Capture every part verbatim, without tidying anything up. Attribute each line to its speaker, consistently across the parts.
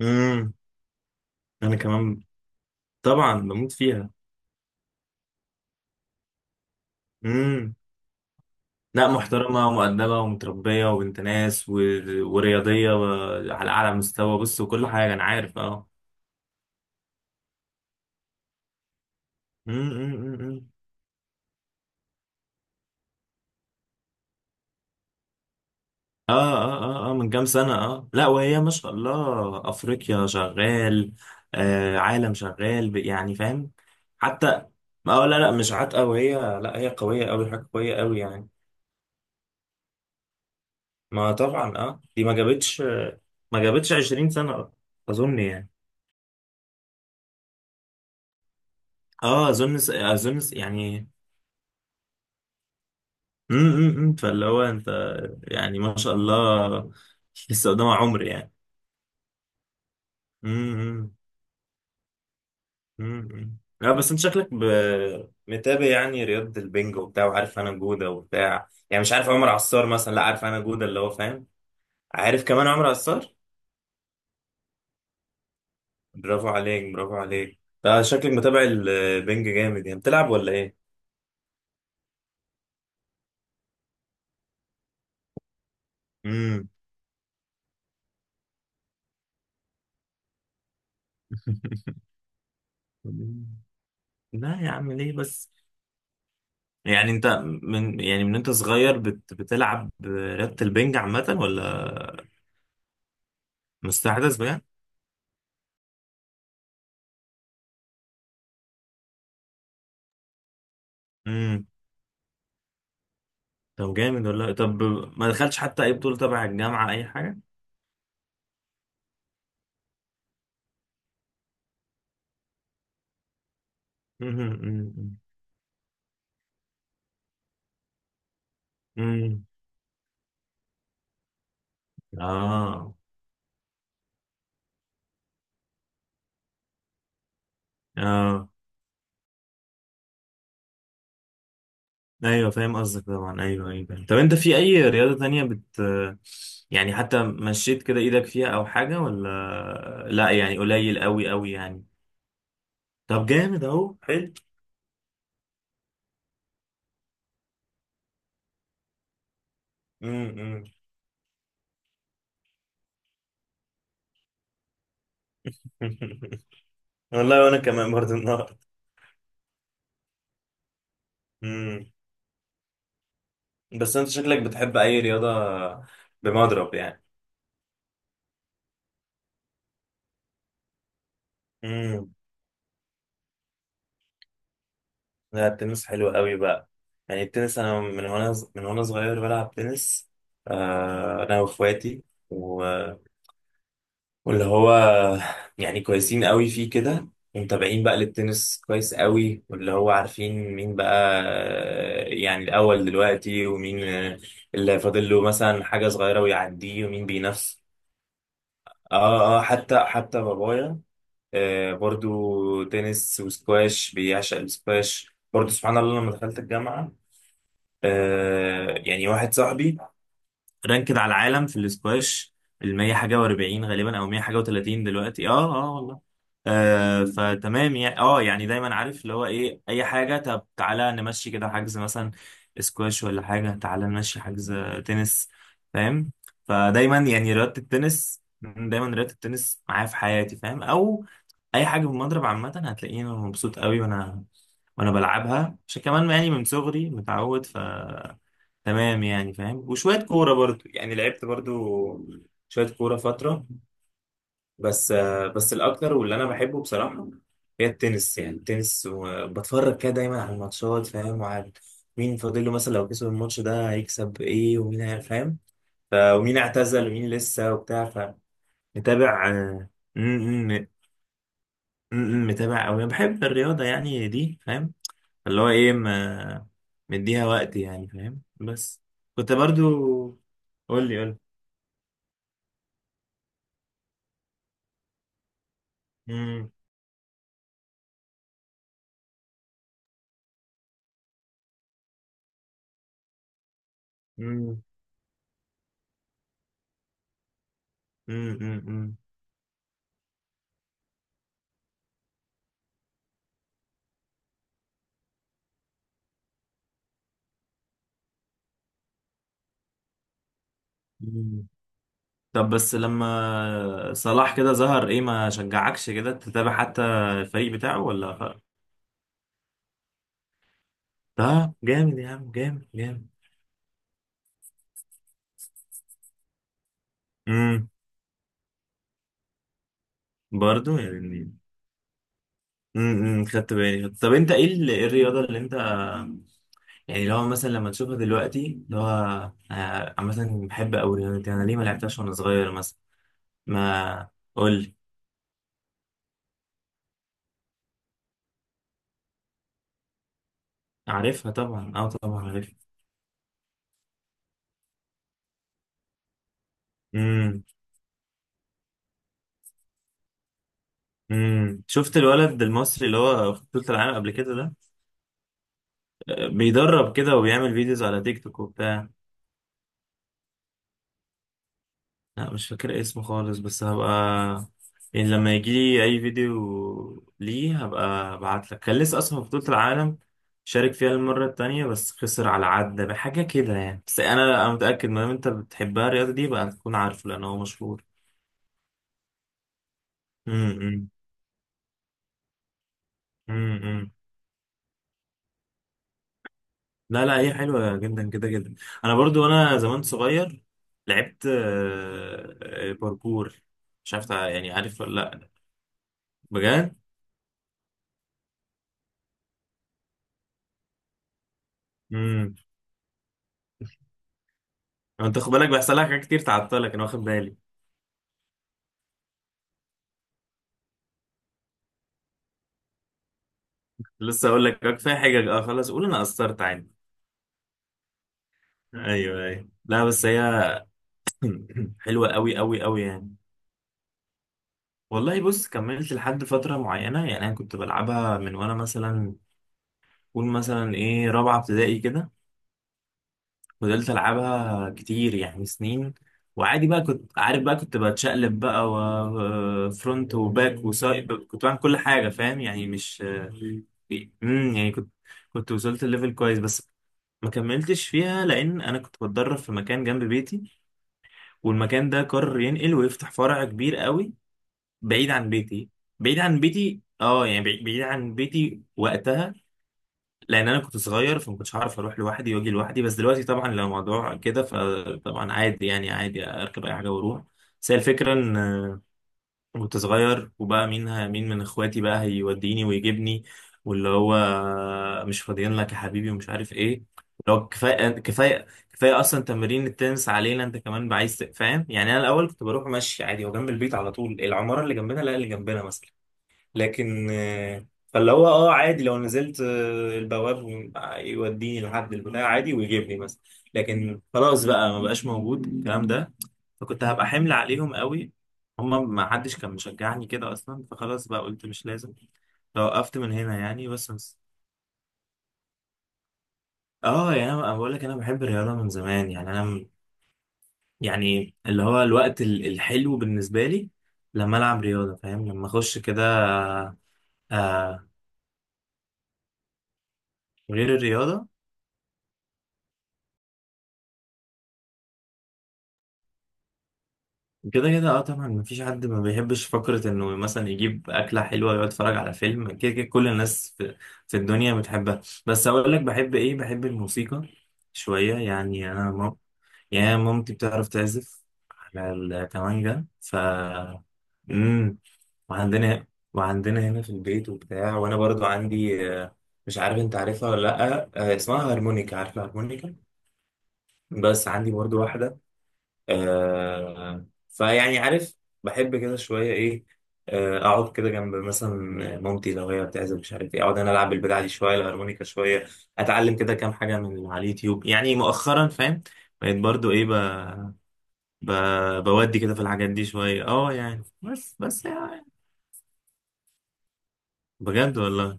Speaker 1: امم انا كمان طبعا بموت فيها. امم لا، محترمه ومؤدبه ومتربيه وبنت ناس و... ورياضيه و... على اعلى مستوى. بص، وكل حاجه انا عارف. اه امم أمم، أمم. اه اه اه اه من كام سنه. اه، لا وهي ما شاء الله افريقيا شغال، آه، عالم شغال ب... يعني فاهم. حتى اه، لا لا مش عاتقه وهي، لا هي قويه قوي، حاجه قويه قوي يعني. ما طبعا اه، دي ما جابتش ما جابتش عشرين سنه اظن يعني. اه، اظن اظن يعني. م- م- م. فاللي هو انت، يعني ما شاء الله لسه قدام عمر يعني. م- م- م- م. لا بس انت شكلك ب- متابع يعني رياضة البنج وبتاع، وعارف انا جودة وبتاع. يعني مش عارف عمر عصار مثلا، لا عارف انا جودة اللي هو، فاهم. عارف كمان عمر عصار. برافو عليك، برافو عليك، ده شكلك متابع البنج جامد يعني، بتلعب ولا ايه؟ امم لا يا عم ليه بس؟ يعني انت من، يعني من انت صغير بت... بتلعب رياضة البنج عامة ولا؟ مستحدث بجد؟ امم طب جامد والله. طب ما دخلتش حتى اي بطولة تبع الجامعة، اي حاجة؟ امم امم اه اه. ايوه فاهم قصدك، طبعا ايوه ايوه. طب انت في اي رياضة تانية بت، يعني حتى مشيت كده ايدك فيها او حاجة، ولا لا؟ يعني قليل قوي قوي يعني. طب جامد، اهو حلو. امم والله، وانا كمان برضه. امم بس انت شكلك بتحب اي رياضة؟ بمضرب يعني. امم لا التنس حلو قوي بقى. يعني التنس انا من وانا من وانا صغير بلعب تنس، آه انا واخواتي و... واللي هو، يعني كويسين قوي فيه كده. ومتابعين بقى للتنس كويس قوي، واللي هو عارفين مين بقى آه، يعني الاول دلوقتي، ومين آه، اللي فاضل له مثلا حاجة صغيرة ويعديه، ومين بينافس. اه اه، حتى حتى بابايا آه، برضو تنس وسكواش، بيعشق السكواش برضو سبحان الله. لما دخلت الجامعة آه، يعني واحد صاحبي رانكد على العالم في السكواش، المية حاجة واربعين غالبا، أو مية حاجة وتلاتين دلوقتي، اه اه والله. آه فتمام يعني، اه يعني دايما عارف اللي هو ايه، اي حاجة طب تعالى نمشي كده حجز مثلا سكواش، ولا حاجة تعالى نمشي حجز تنس، فاهم. فدايما يعني رياضة التنس دايما رياضة التنس معايا في حياتي، فاهم. او اي حاجه بالمضرب عامه هتلاقيني أنا مبسوط قوي، وانا وانا بلعبها عشان كمان يعني من صغري متعود. ف تمام يعني فاهم. وشويه كوره برضو يعني، لعبت برضو شويه كوره فتره. بس آه، بس الاكتر واللي انا بحبه بصراحه هي التنس. يعني التنس، وبتفرج كده دايما على الماتشات، فاهم، وعارف مين فاضل له مثلا لو كسب الماتش ده هيكسب ايه، ومين هي- فاهم. ف- ومين اعتزل ومين لسه وبتاع. فمتابع. م- م، متابع قوي، بحب الرياضة يعني دي، فاهم. اللي هو ايه، ما مديها وقت يعني، فاهم بس. كنت برضو، قول لي قول لي. مم، مم، مم، مم، مم، مم. طب بس لما صلاح كده ظهر ايه، ما شجعكش كده تتابع حتى الفريق بتاعه ولا خ- اه جامد يا عم، جامد جامد. امم برضو يعني. امم خدت بالي، خدت- طب انت ايه ال- إيه الرياضة اللي انت، يعني لو مثلا لما تشوفها دلوقتي اللي هو آه، مثلا بحب أوي الرياضة دي، أنا ليه ما لعبتهاش وأنا صغير مثلا؟ ما قول لي. عارفها طبعا، أه طبعا عارفها. امم امم شفت الولد المصري اللي هو في بطولة العالم قبل كده ده؟ آه، بيدرب كده وبيعمل فيديوز على تيك توك وبتاع. لا مش فاكر اسمه خالص، بس هبقى يعني لما يجي لي اي فيديو ليه هبقى ابعت لك. كان لسه اصلا في بطولة العالم شارك فيها المرة التانية، بس خسر على عدة بحاجة كده يعني. بس انا، انا متأكد ما دام انت بتحبها الرياضة دي بقى تكون عارفه، لان هو مشهور. امم امم لا لا، هي حلوة جدا، كده جدا. انا برضو وانا زمان صغير لعبت آه، آه، باركور، مش عارف تع- يعني عارف ولا لا؟ بجد؟ انت خد بالك بيحصل لك حاجات كتير تعطلك، انا واخد بالي. لسه اقول لك كفايه حاجه، اه خلاص، قول انا قصرت عادي. ايوه ايوه، لا بس هي حلوه قوي قوي قوي يعني. والله بص، كملت لحد فتره معينه، يعني انا كنت بلعبها من وانا مثلا، قول مثلا ايه رابعه ابتدائي كده. فضلت العبها كتير يعني سنين. وعادي بقى، كنت عارف بقى، كنت بتشقلب بقى، وفرونت وباك وسايد، كنت بعمل كل حاجه، فاهم يعني مش. امم يعني كنت، كنت وصلت لليفل كويس، بس ما كملتش فيها لان انا كنت بتدرب في مكان جنب بيتي، والمكان ده قرر ينقل ويفتح فرع كبير قوي بعيد عن بيتي. بعيد عن بيتي اه، يعني بعيد بعيد عن بيتي وقتها. لان انا كنت صغير، فما كنتش هعرف اروح لوحدي واجي لوحدي. بس دلوقتي طبعا لو الموضوع كده فطبعا عادي، يعني عادي اركب اي حاجه واروح. بس هي الفكره ان كنت صغير، وبقى مين ه- مين من اخواتي بقى هيوديني ويجيبني، واللي هو مش فاضيين لك يا حبيبي، ومش عارف ايه اللي هو. كفايه كفايه كفايه اصلا تمارين التنس علينا، انت كمان عايز ت- فاهم يعني. انا الاول كنت بروح ماشي عادي، هو جنب البيت على طول، العماره اللي جنبنا، لا اللي جنبنا مثلا. لكن آه، فاللي هو اه عادي، لو نزلت آه، البواب يوديني لحد البتاع عادي ويجيبني، بس لكن خلاص بقى ما بقاش موجود الكلام ده. فكنت هبقى حمل عليهم قوي، هما ما حدش كان مشجعني كده اصلا، فخلاص بقى قلت مش لازم. فوقفت من هنا يعني، بس بس- اه يعني انا بقول لك، انا بحب الرياضه من زمان، يعني انا م- يعني اللي هو الوقت ال- الحلو بالنسبه لي لما العب رياضه، فاهم، لما اخش كده. آه غير الرياضه. كده كده اه طبعا مفيش حد ما بيحبش فكرة انه مثلا يجيب أكلة حلوة يقعد يتفرج على فيلم، كده كده كل الناس في, في الدنيا بتحبها. بس أقول لك بحب إيه، بحب الموسيقى شوية يعني. أنا مام... يعني أنا مامتي بتعرف تعزف على الكمانجا، ف مم. وعندنا وعندنا هنا في البيت وبتاع. وأنا برضو عندي آه، مش عارف أنت عارفها ولا لأ، آه، اسمها هارمونيكا، عارفة هارمونيكا؟ بس عندي برضو واحدة آه، فيعني عارف، بحب كده شوية إيه. آه أقعد كده جنب مثلا مامتي لو هي بتعزف مش عارف إيه، أقعد أنا ألعب بالبدع دي شوية، الهارمونيكا شوية، أتعلم كده كام حاجة من على اليوتيوب يعني مؤخرا، فاهم. بقيت برضو إيه ب... ب... بودي كده في الحاجات دي شوية، أه يعني بس بس يعني. بجد والله.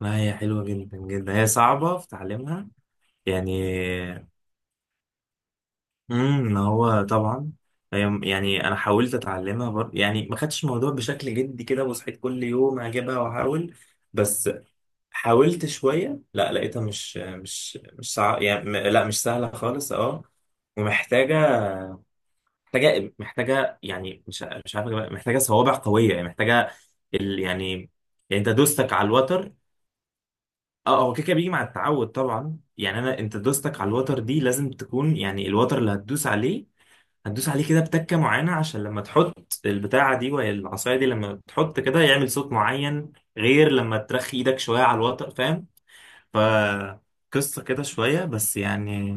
Speaker 1: لا هي حلوة جدا جدا، هي صعبة في تعليمها يعني. امم هو طبعا هي- يعني انا حاولت اتعلمها بر... يعني ما خدتش الموضوع بشكل جدي كده، وصحيت كل يوم اجيبها واحاول. بس حاولت شويه لا، لقيتها مش مش مش صع... يعني م- لا مش سهله خالص اه. ومحتاجه، محتاجه محتاجه يعني مش ع- مش عارف أجيبها. محتاجه صوابع قويه، يعني محتاجه ال... يعني، يعني انت دوستك على الوتر. اه هو كده كده بيجي مع التعود طبعا، يعني انا انت دوستك على الوتر دي لازم تكون يعني، الوتر اللي هتدوس عليه، هتدوس عليه كده بتكة معينة، عشان لما تحط البتاعة دي وهي العصاية دي لما تحط كده يعمل صوت معين، غير لما ترخي ايدك شوية على الوتر، فاهم. فقصة كده شوية بس يعني.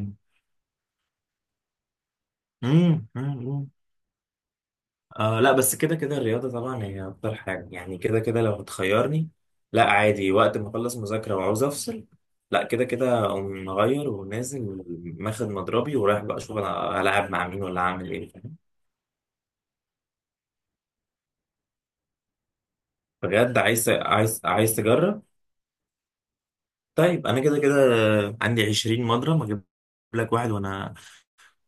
Speaker 1: مم. مم. مم. آه لا بس كده كده الرياضة طبعا هي أكتر حاجة يعني، كده كده لو هتخيرني. لا عادي وقت ما أخلص مذاكرة وعاوز أفصل، لا كده كده أقوم مغير ونازل، ماخد مضربي ورايح بقى أشوف أنا هلعب مع مين ولا هعمل إيه، فاهم؟ بجد عايز، عايز عايز تجرب؟ طيب انا كده كده عندي عشرين مضرب، اجيب لك واحد وانا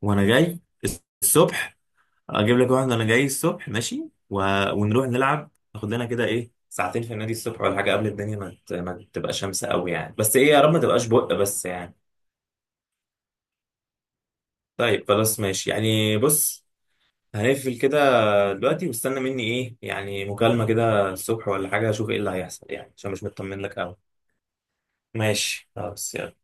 Speaker 1: وانا جاي الصبح، اجيب لك واحد وانا جاي الصبح ماشي، و... ونروح نلعب، ناخد لنا كده ايه ساعتين في النادي الصبح، ولا حاجه قبل الدنيا ما, ت... ما تبقى شمس قوي يعني، بس ايه يا رب ما تبقاش بق بس يعني. طيب خلاص ماشي، يعني بص هنقفل كده دلوقتي، واستنى مني ايه يعني مكالمه كده الصبح ولا حاجه، اشوف ايه اللي هيحصل يعني، عشان مش مطمن لك قوي. ماشي خلاص يلا.